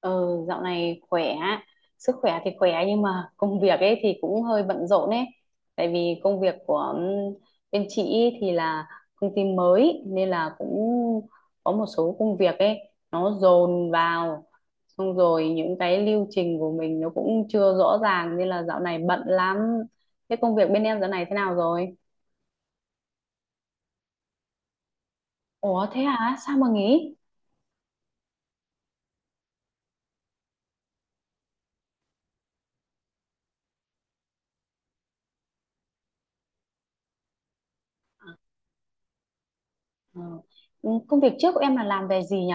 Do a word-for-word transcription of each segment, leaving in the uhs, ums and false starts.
Ờ, dạo này khỏe, sức khỏe thì khỏe nhưng mà công việc ấy thì cũng hơi bận rộn ấy. Tại vì công việc của ừm, bên chị ý thì là công ty mới nên là cũng có một số công việc ấy nó dồn vào. Xong rồi những cái lưu trình của mình nó cũng chưa rõ ràng nên là dạo này bận lắm. Thế công việc bên em dạo này thế nào rồi? Ủa thế hả? Sao mà nghỉ? Ờ, ừ, Công việc trước của em là làm về gì nhỉ?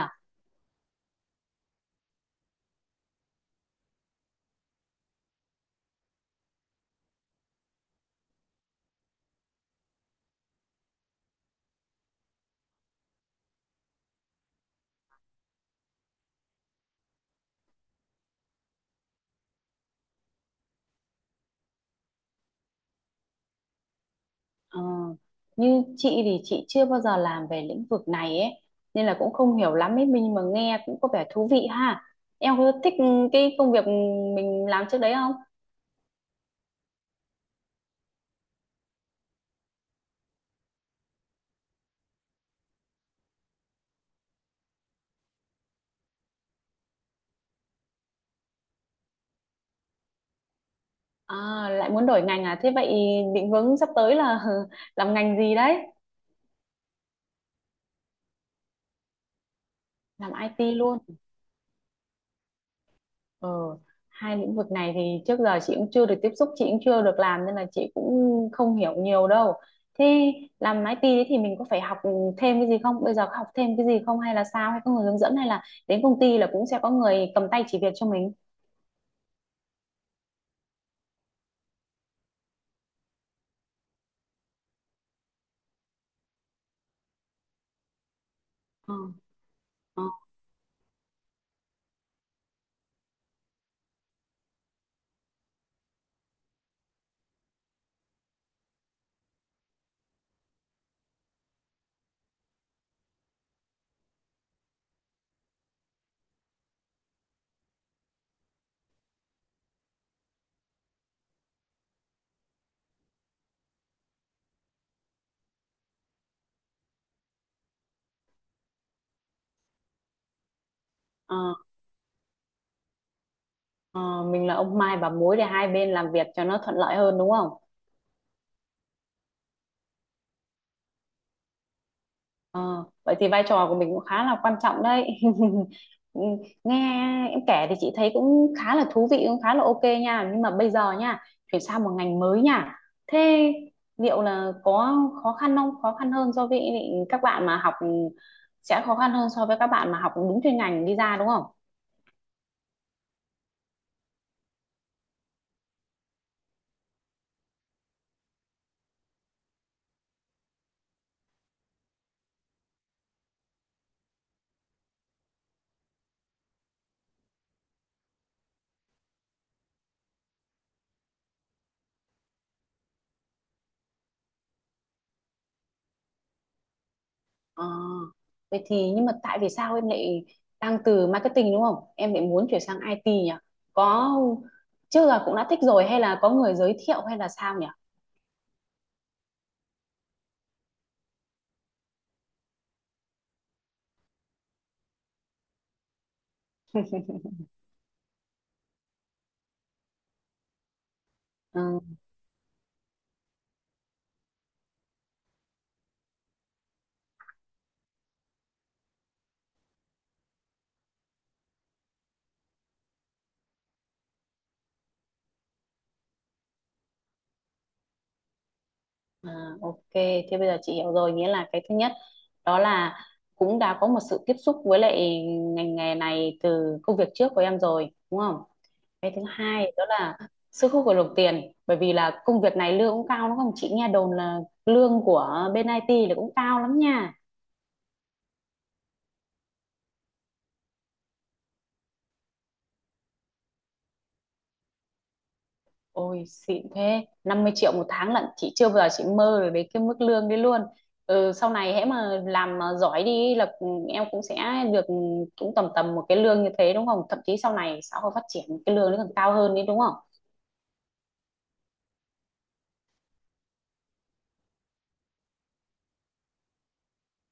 Ờ, như chị thì chị chưa bao giờ làm về lĩnh vực này ấy nên là cũng không hiểu lắm ấy, mình mà nghe cũng có vẻ thú vị ha, em có thích cái công việc mình làm trước đấy không? À, lại muốn đổi ngành à? Thế vậy định hướng sắp tới là làm ngành gì đấy? Làm i tê luôn? Ờ, hai lĩnh vực này thì trước giờ chị cũng chưa được tiếp xúc, chị cũng chưa được làm nên là chị cũng không hiểu nhiều đâu. Thế làm i tê ấy thì mình có phải học thêm cái gì không? Bây giờ có học thêm cái gì không hay là sao? Hay có người hướng dẫn hay là đến công ty là cũng sẽ có người cầm tay chỉ việc cho mình? Ờ, ờ, ờ, ờ, mình là ông Mai bà Mối để hai bên làm việc cho nó thuận lợi hơn đúng không? Ờ, vậy thì vai trò của mình cũng khá là quan trọng đấy. Ừ, nghe em kể thì chị thấy cũng khá là thú vị, cũng khá là ok nha. Nhưng mà bây giờ nha, chuyển sang một ngành mới nha. Thế liệu là có khó khăn không? Khó khăn hơn so với các bạn mà học sẽ khó khăn hơn so với các bạn mà học đúng chuyên ngành đi ra đúng không? Ờ, vậy thì nhưng mà tại vì sao em lại đang từ marketing đúng không? Em lại muốn chuyển sang i tê nhỉ? Có chưa là cũng đã thích rồi hay là có người giới thiệu hay là sao nhỉ? Ừ. À, ok, thế bây giờ chị hiểu rồi, nghĩa là cái thứ nhất đó là cũng đã có một sự tiếp xúc với lại ngành nghề này từ công việc trước của em rồi, đúng không? Cái thứ hai đó là sức hút của đồng tiền, bởi vì là công việc này lương cũng cao đúng không? Chị nghe đồn là lương của bên ai ti là cũng cao lắm nha. Ôi xịn thế, năm mươi triệu một tháng lận, chị chưa bao giờ chị mơ được đến cái mức lương đấy luôn. Ừ, sau này hễ mà làm mà giỏi đi là, ừ, em cũng sẽ được, ừ, cũng tầm tầm một cái lương như thế đúng không, thậm chí sau này xã hội phát triển cái lương nó còn cao hơn đấy đúng không?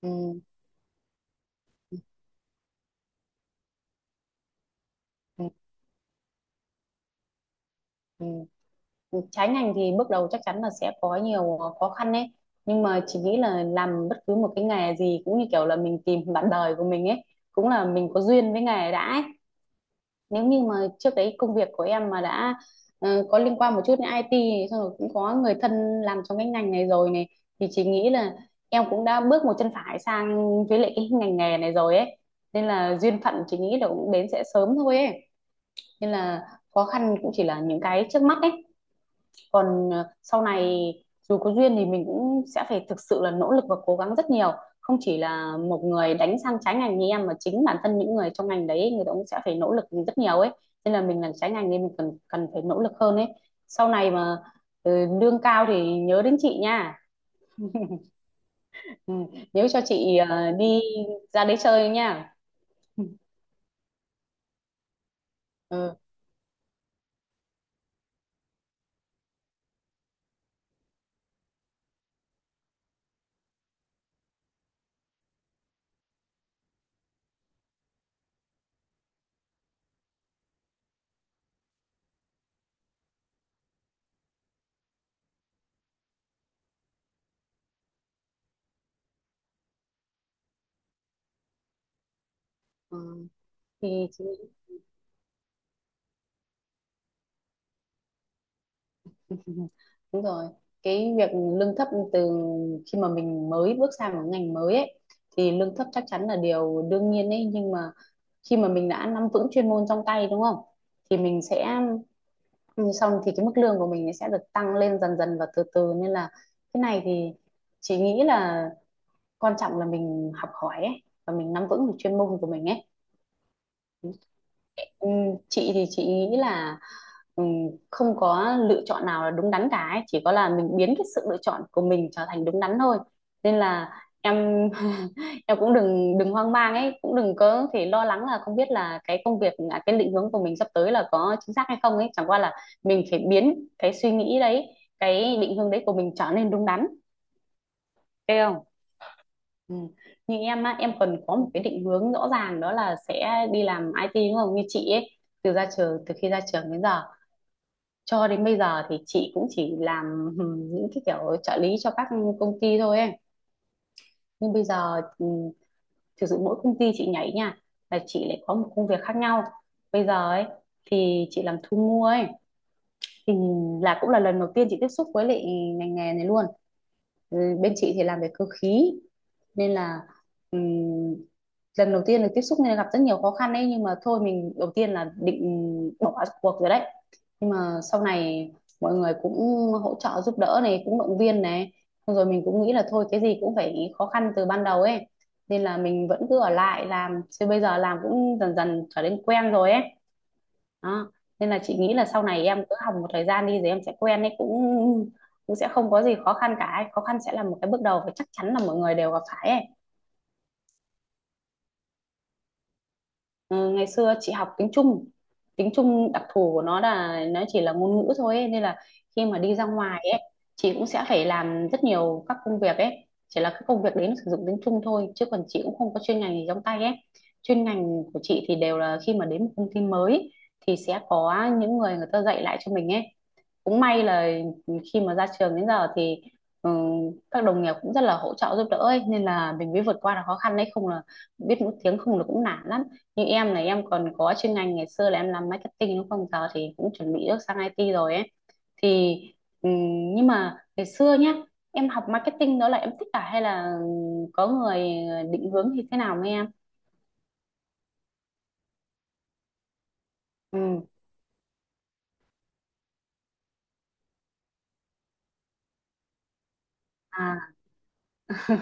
ừ, ừ, ừ. Ừ, trái ngành thì bước đầu chắc chắn là sẽ có nhiều ờ, khó khăn đấy, nhưng mà chị nghĩ là làm bất cứ một cái nghề gì cũng như kiểu là mình tìm bạn đời của mình ấy, cũng là mình có duyên với nghề đã ấy. Nếu như mà trước đấy công việc của em mà đã ờ, có liên quan một chút đến ai ti này, xong rồi cũng có người thân làm trong cái ngành này rồi này, thì chị nghĩ là em cũng đã bước một chân phải sang với lại cái ngành nghề này rồi ấy, nên là duyên phận chị nghĩ là cũng đến sẽ sớm thôi ấy, nên là khó khăn cũng chỉ là những cái trước mắt ấy, còn ờ, sau này dù có duyên thì mình cũng sẽ phải thực sự là nỗ lực và cố gắng rất nhiều, không chỉ là một người đánh sang trái ngành như em mà chính bản thân những người trong ngành đấy người ta cũng sẽ phải nỗ lực rất nhiều ấy, nên là mình làm trái ngành nên mình cần cần phải nỗ lực hơn ấy. Sau này mà, ừ, lương cao thì nhớ đến chị nha. Ừ, nhớ cho chị ờ, đi ra đấy chơi nha. Ừ. Ừ. Thì chị đúng rồi, cái việc lương thấp từ khi mà mình mới bước sang một ngành mới ấy thì lương thấp chắc chắn là điều đương nhiên ấy, nhưng mà khi mà mình đã nắm vững chuyên môn trong tay đúng không? Thì mình sẽ xong thì cái mức lương của mình sẽ được tăng lên dần dần và từ từ, nên là cái này thì chị nghĩ là quan trọng là mình học hỏi ấy và mình nắm vững được chuyên môn của mình ấy. Ừ, chị thì chị nghĩ là, ừ, không có lựa chọn nào là đúng đắn cả ấy. Chỉ có là mình biến cái sự lựa chọn của mình trở thành đúng đắn thôi, nên là em em cũng đừng đừng hoang mang ấy, cũng đừng có thể lo lắng là không biết là cái công việc à, cái định hướng của mình sắp tới là có chính xác hay không ấy, chẳng qua là mình phải biến cái suy nghĩ đấy, cái định hướng đấy của mình trở nên đúng đắn, thấy không? Ừ. Như em á, em cần có một cái định hướng rõ ràng đó là sẽ đi làm i tê đúng không? Như chị ấy, từ ra trường, từ khi ra trường đến giờ cho đến bây giờ thì chị cũng chỉ làm ừ, những cái kiểu trợ lý cho các công ty thôi ấy. Nhưng bây giờ, ừ, thực sự mỗi công ty chị nhảy nha là chị lại có một công việc khác nhau, bây giờ ấy thì chị làm thu mua ấy thì là cũng là lần đầu tiên chị tiếp xúc với lại ngành nghề này luôn. Ừ, bên chị thì làm về cơ khí nên là, ừm, lần đầu tiên được tiếp xúc nên là gặp rất nhiều khó khăn ấy, nhưng mà thôi, mình đầu tiên là định bỏ cuộc rồi đấy, nhưng mà sau này mọi người cũng hỗ trợ giúp đỡ này cũng động viên này. Xong rồi mình cũng nghĩ là thôi cái gì cũng phải khó khăn từ ban đầu ấy, nên là mình vẫn cứ ở lại làm, chứ bây giờ làm cũng dần dần trở nên quen rồi ấy, đó. Nên là chị nghĩ là sau này em cứ học một thời gian đi rồi em sẽ quen ấy, cũng cũng sẽ không có gì khó khăn cả ấy. Khó khăn sẽ là một cái bước đầu và chắc chắn là mọi người đều gặp phải ấy. Ừ, ngày xưa chị học tiếng Trung, tiếng Trung đặc thù của nó là nó chỉ là ngôn ngữ thôi ấy, nên là khi mà đi ra ngoài ấy chị cũng sẽ phải làm rất nhiều các công việc ấy, chỉ là các công việc đấy nó sử dụng tiếng Trung thôi, chứ còn chị cũng không có chuyên ngành gì trong tay ấy. Chuyên ngành của chị thì đều là khi mà đến một công ty mới thì sẽ có những người, người ta dạy lại cho mình ấy. Cũng may là khi mà ra trường đến giờ thì, ừ, các đồng nghiệp cũng rất là hỗ trợ giúp đỡ ấy, nên là mình mới vượt qua được khó khăn đấy, không là biết mỗi tiếng không là cũng nản lắm. Nhưng em này, em còn có chuyên ngành, ngày xưa là em làm marketing đúng không, giờ thì cũng chuẩn bị bước sang i tê rồi ấy thì, ừ, nhưng mà ngày xưa nhá, em học marketing đó là em thích cả hay là có người định hướng thì thế nào với em? Ừ. À.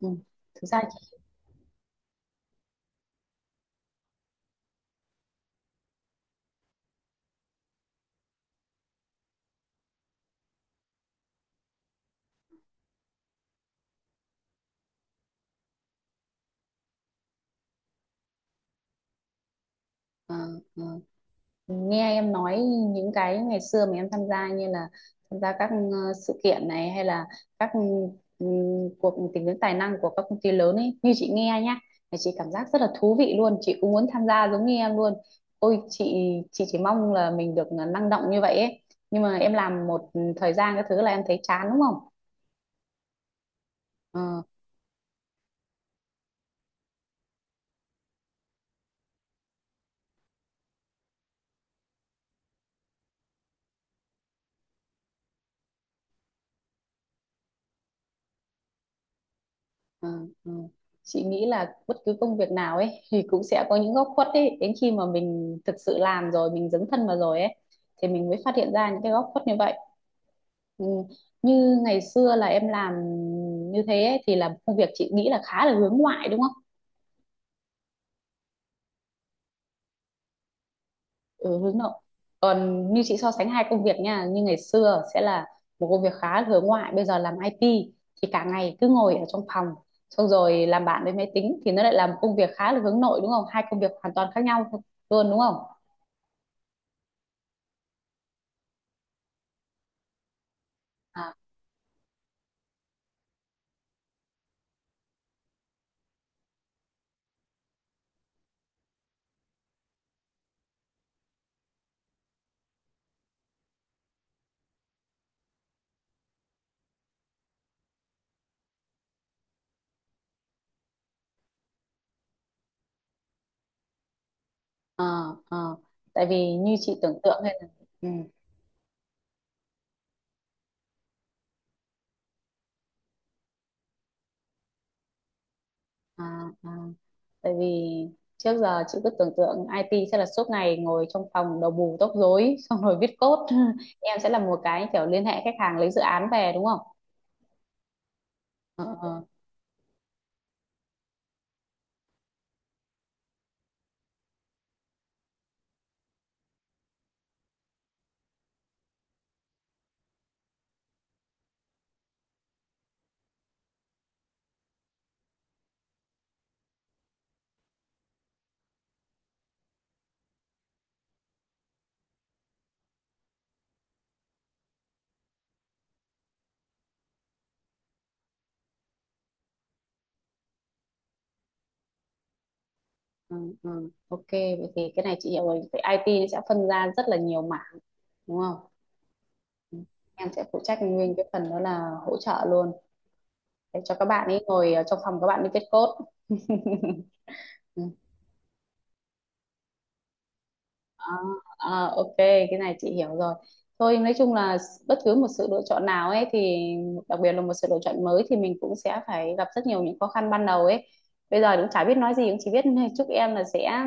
Ừ. Thực ra thì- ờ, ờ. Nghe em nói những cái ngày xưa mà em tham gia như là tham gia các ờ, sự kiện này hay là các ừ, ừ, cuộc tìm kiếm tài năng của các công ty lớn ấy, như chị nghe nhá là chị cảm giác rất là thú vị luôn, chị cũng muốn tham gia giống như em luôn. Ôi chị chị chỉ mong là mình được ờ, năng động như vậy ấy, nhưng mà em làm một thời gian cái thứ là em thấy chán đúng không? Ờ, Ờ, ờ. Chị nghĩ là bất cứ công việc nào ấy thì cũng sẽ có những góc khuất ấy, đến khi mà mình thực sự làm rồi mình dấn thân vào rồi ấy thì mình mới phát hiện ra những cái góc khuất như vậy. Ừ. Như ngày xưa là em làm như thế ấy, thì là công việc chị nghĩ là khá là hướng ngoại đúng không? Ừ, hướng nội, còn như chị so sánh hai công việc nha, như ngày xưa sẽ là một công việc khá hướng ngoại, bây giờ làm ai ti thì cả ngày cứ ngồi ở trong phòng xong rồi làm bạn với máy tính thì nó lại là một công việc khá là hướng nội đúng không, hai công việc hoàn toàn khác nhau luôn đúng không? À, à, à. Tại vì như chị tưởng tượng hay là, ừ, à, à. Tại vì trước giờ chị cứ tưởng tượng ai ti sẽ là suốt ngày ngồi trong phòng đầu bù tóc rối xong rồi viết code, em sẽ là một cái kiểu liên hệ khách hàng lấy dự án về đúng không? Ờ, ờ. Ừ, ừ. Ok vậy thì cái này chị hiểu rồi, vậy i tê nó sẽ phân ra rất là nhiều mảng đúng không? Ừ. Em sẽ phụ trách nguyên cái phần đó là hỗ trợ luôn để cho các bạn ấy ngồi ở trong phòng các bạn đi viết code. À, à, ok cái này chị hiểu rồi, thôi nói chung là bất cứ một sự lựa chọn nào ấy thì đặc biệt là một sự lựa chọn mới thì mình cũng sẽ phải gặp rất nhiều những khó khăn ban đầu ấy. Bây giờ cũng chả biết nói gì, cũng chỉ biết chúc em là sẽ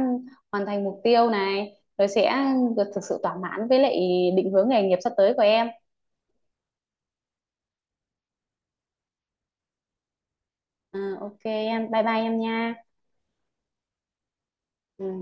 hoàn thành mục tiêu này rồi sẽ được thực sự thỏa mãn với lại định hướng nghề nghiệp sắp tới của em. À, ok em, bye bye em nha. Ừ.